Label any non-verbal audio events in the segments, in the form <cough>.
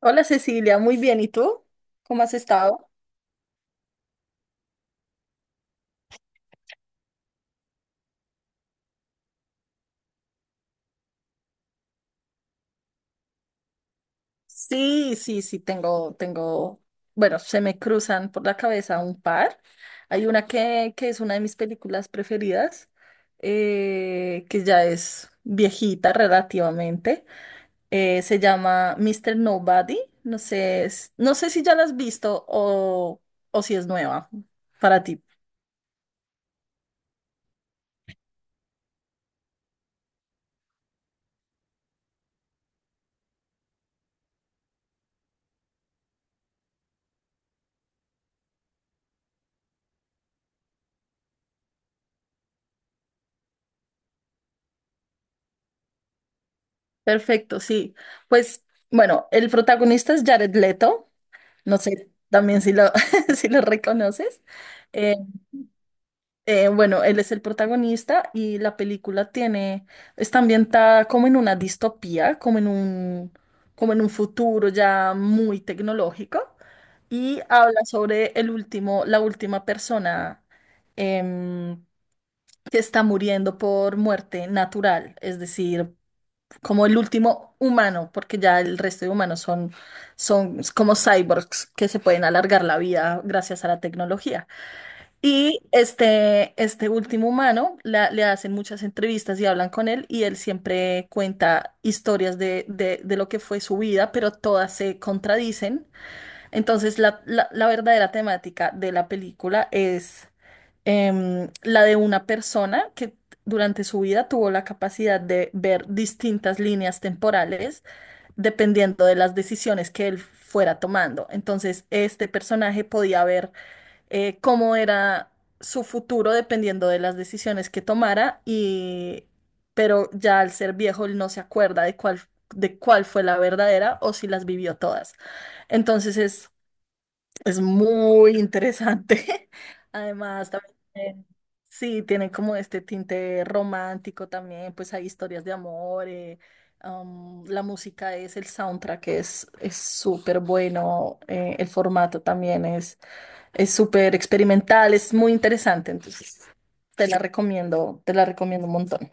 Hola Cecilia, muy bien. ¿Y tú? ¿Cómo has estado? Sí, sí, sí, tengo, tengo, bueno, se me cruzan por la cabeza un par. Hay una que es una de mis películas preferidas, que ya es viejita relativamente. Se llama Mister Nobody. No sé, no sé si ya la has visto o si es nueva para ti. Perfecto, sí. Pues bueno, el protagonista es Jared Leto. No sé también si lo, <laughs> si lo reconoces. Eh, bueno, él es el protagonista y está ambientada como en una distopía, como en como en un futuro ya muy tecnológico y habla sobre la última persona em, que está muriendo por muerte natural, es decir, como el último humano, porque ya el resto de humanos son como cyborgs que se pueden alargar la vida gracias a la tecnología. Y este último humano le hacen muchas entrevistas y hablan con él y él siempre cuenta historias de lo que fue su vida, pero todas se contradicen. Entonces la verdadera temática de la película es la de una persona que durante su vida tuvo la capacidad de ver distintas líneas temporales dependiendo de las decisiones que él fuera tomando. Entonces, este personaje podía ver cómo era su futuro dependiendo de las decisiones que tomara pero ya al ser viejo él no se acuerda de cuál fue la verdadera o si las vivió todas. Entonces es es muy interesante. <laughs> Además, también, sí, tienen como este tinte romántico también, pues hay historias de amor, la música el soundtrack es súper bueno, el formato también es súper experimental, es muy interesante, entonces te la recomiendo un montón.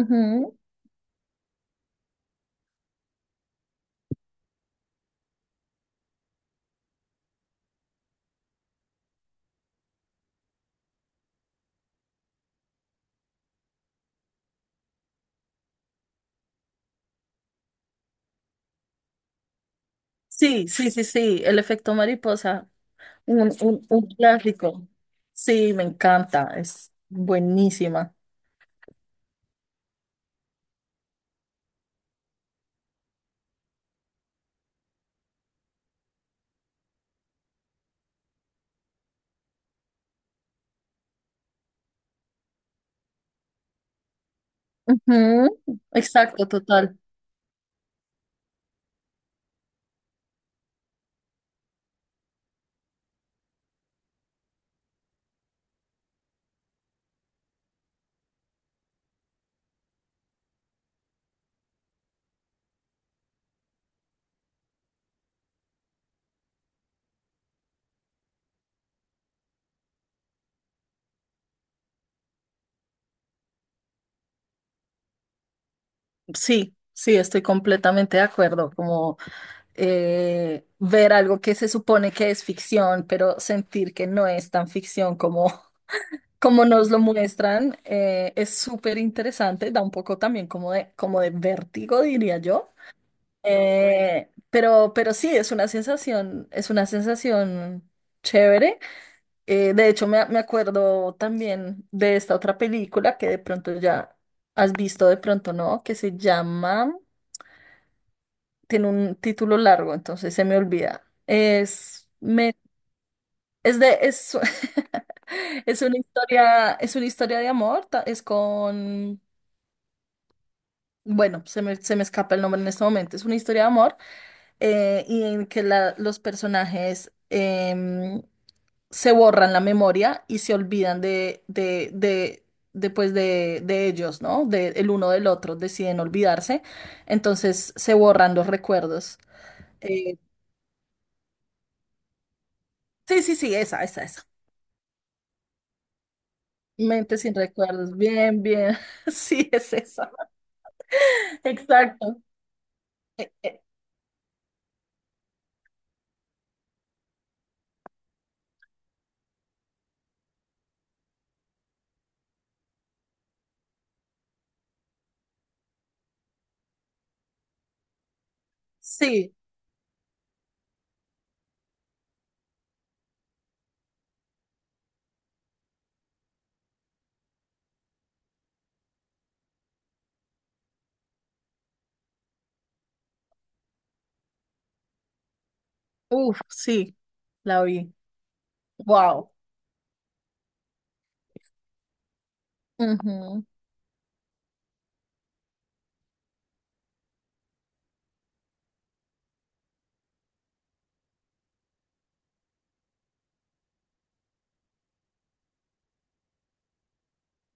Ujú. Sí, sí, sí, sí, el efecto mariposa. Un clásico. Sí, me encanta. Es buenísima. Ujú. Exacto, total. Sí, sí, estoy completamente de acuerdo. Como Ver algo que se supone que es ficción, pero sentir que no es tan ficción como nos lo muestran, es súper interesante. Da un poco también como como de vértigo, diría yo. Pero sí, es una es una sensación chévere. De hecho, me acuerdo también de esta otra película que de pronto ya has visto, de pronto no, que se llama, tiene un título largo, entonces se me olvida. Es, me, es de, es, <laughs> es una historia de amor, bueno, se me escapa el nombre en este momento, es una historia de amor y en que los personajes se borran la memoria y se olvidan de ellos, ¿no? De, el uno del otro, deciden olvidarse, entonces se borran los recuerdos. Eh, sí, sí, sí, esa, esa, esa. Mente sin recuerdos, bien, bien, <laughs> sí, es esa, exacto. Eh, eh, sí, uff, sí, la vi, wow. Ujú,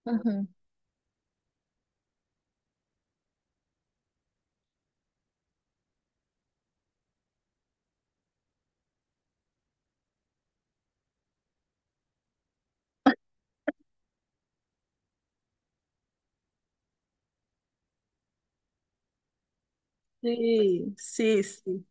ujú. Sí, sí, sí.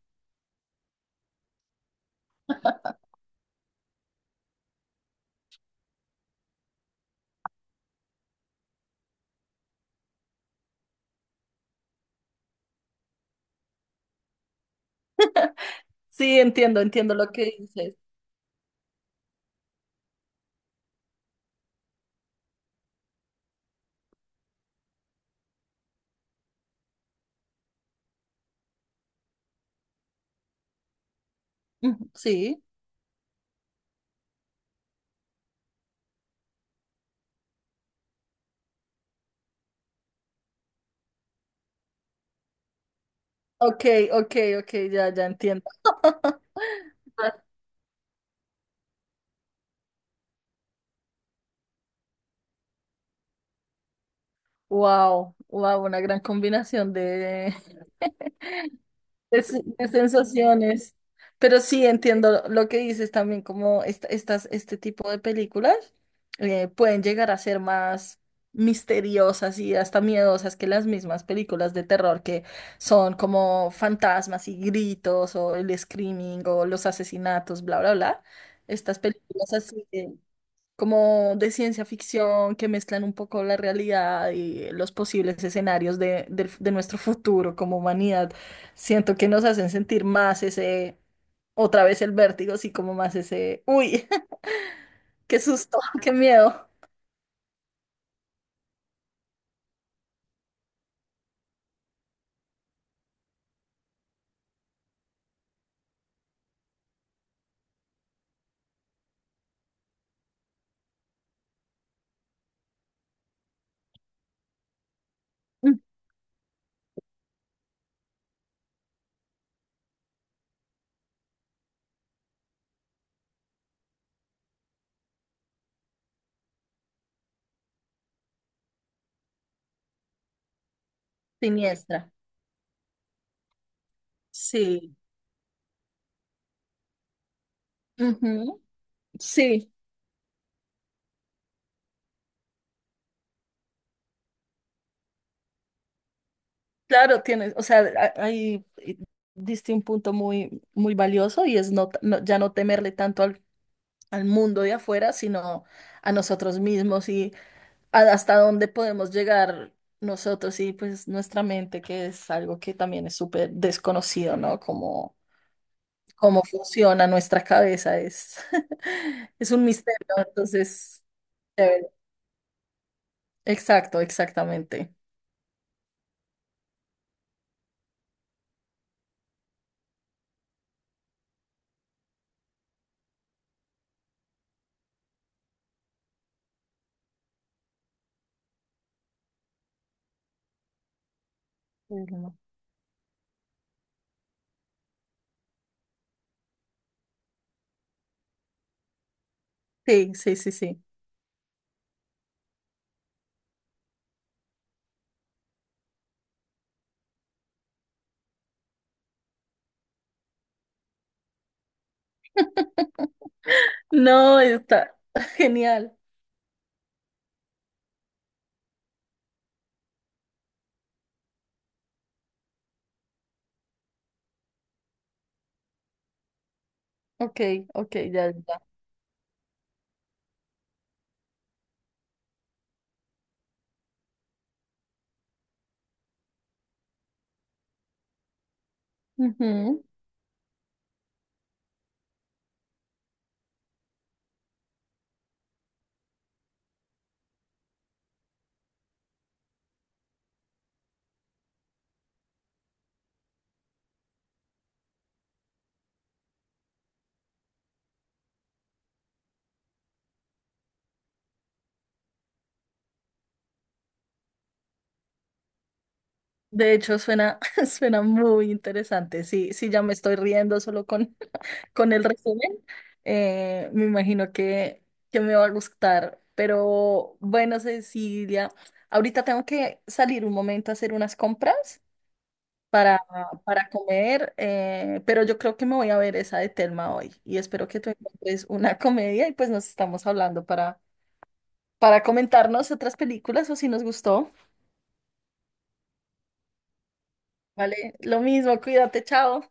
Sí, entiendo, entiendo lo que dices. Ujú. Sí. Ok, ok, ok, ya, ya entiendo. <laughs> Wow, wow, una gran combinación de sensaciones. Pero sí entiendo lo que dices también, como estas, este tipo de películas pueden llegar a ser más misteriosas y hasta miedosas que las mismas películas de terror que son como fantasmas y gritos o el screaming o los asesinatos, bla, bla, bla. Estas películas así como de ciencia ficción que mezclan un poco la realidad y los posibles escenarios de nuestro futuro como humanidad. Siento que nos hacen sentir más otra vez el vértigo, así como más ese, uy, <laughs> qué susto, qué miedo. Mm. Siniestra. Sí. Ujú. Sí, claro, tienes, o sea, ahí diste un punto muy, muy valioso y es no, ya no temerle tanto al mundo de afuera, sino a nosotros mismos, hasta dónde podemos llegar nosotros y pues nuestra mente, que es algo que también es súper desconocido, ¿no? Como cómo funciona nuestra cabeza es, <laughs> es un misterio, ¿no? Entonces, chévere. Exacto, exactamente. Ujú. Sí, sí, sí, sí. No, está <laughs> genial. Ok, ok, ya, ya. Ujú. De hecho, suena, <laughs> suena muy interesante. Sí, sí, ya me estoy riendo solo con el resumen, me imagino que me va a gustar. Pero bueno, Cecilia, ahorita tengo que salir un momento a hacer unas compras para, para comer, pero yo creo que me voy a ver esa de Telma hoy y espero que tú encuentres una comedia y pues nos estamos hablando para comentarnos otras películas o si nos gustó. Vale, lo mismo, cuídate, chao.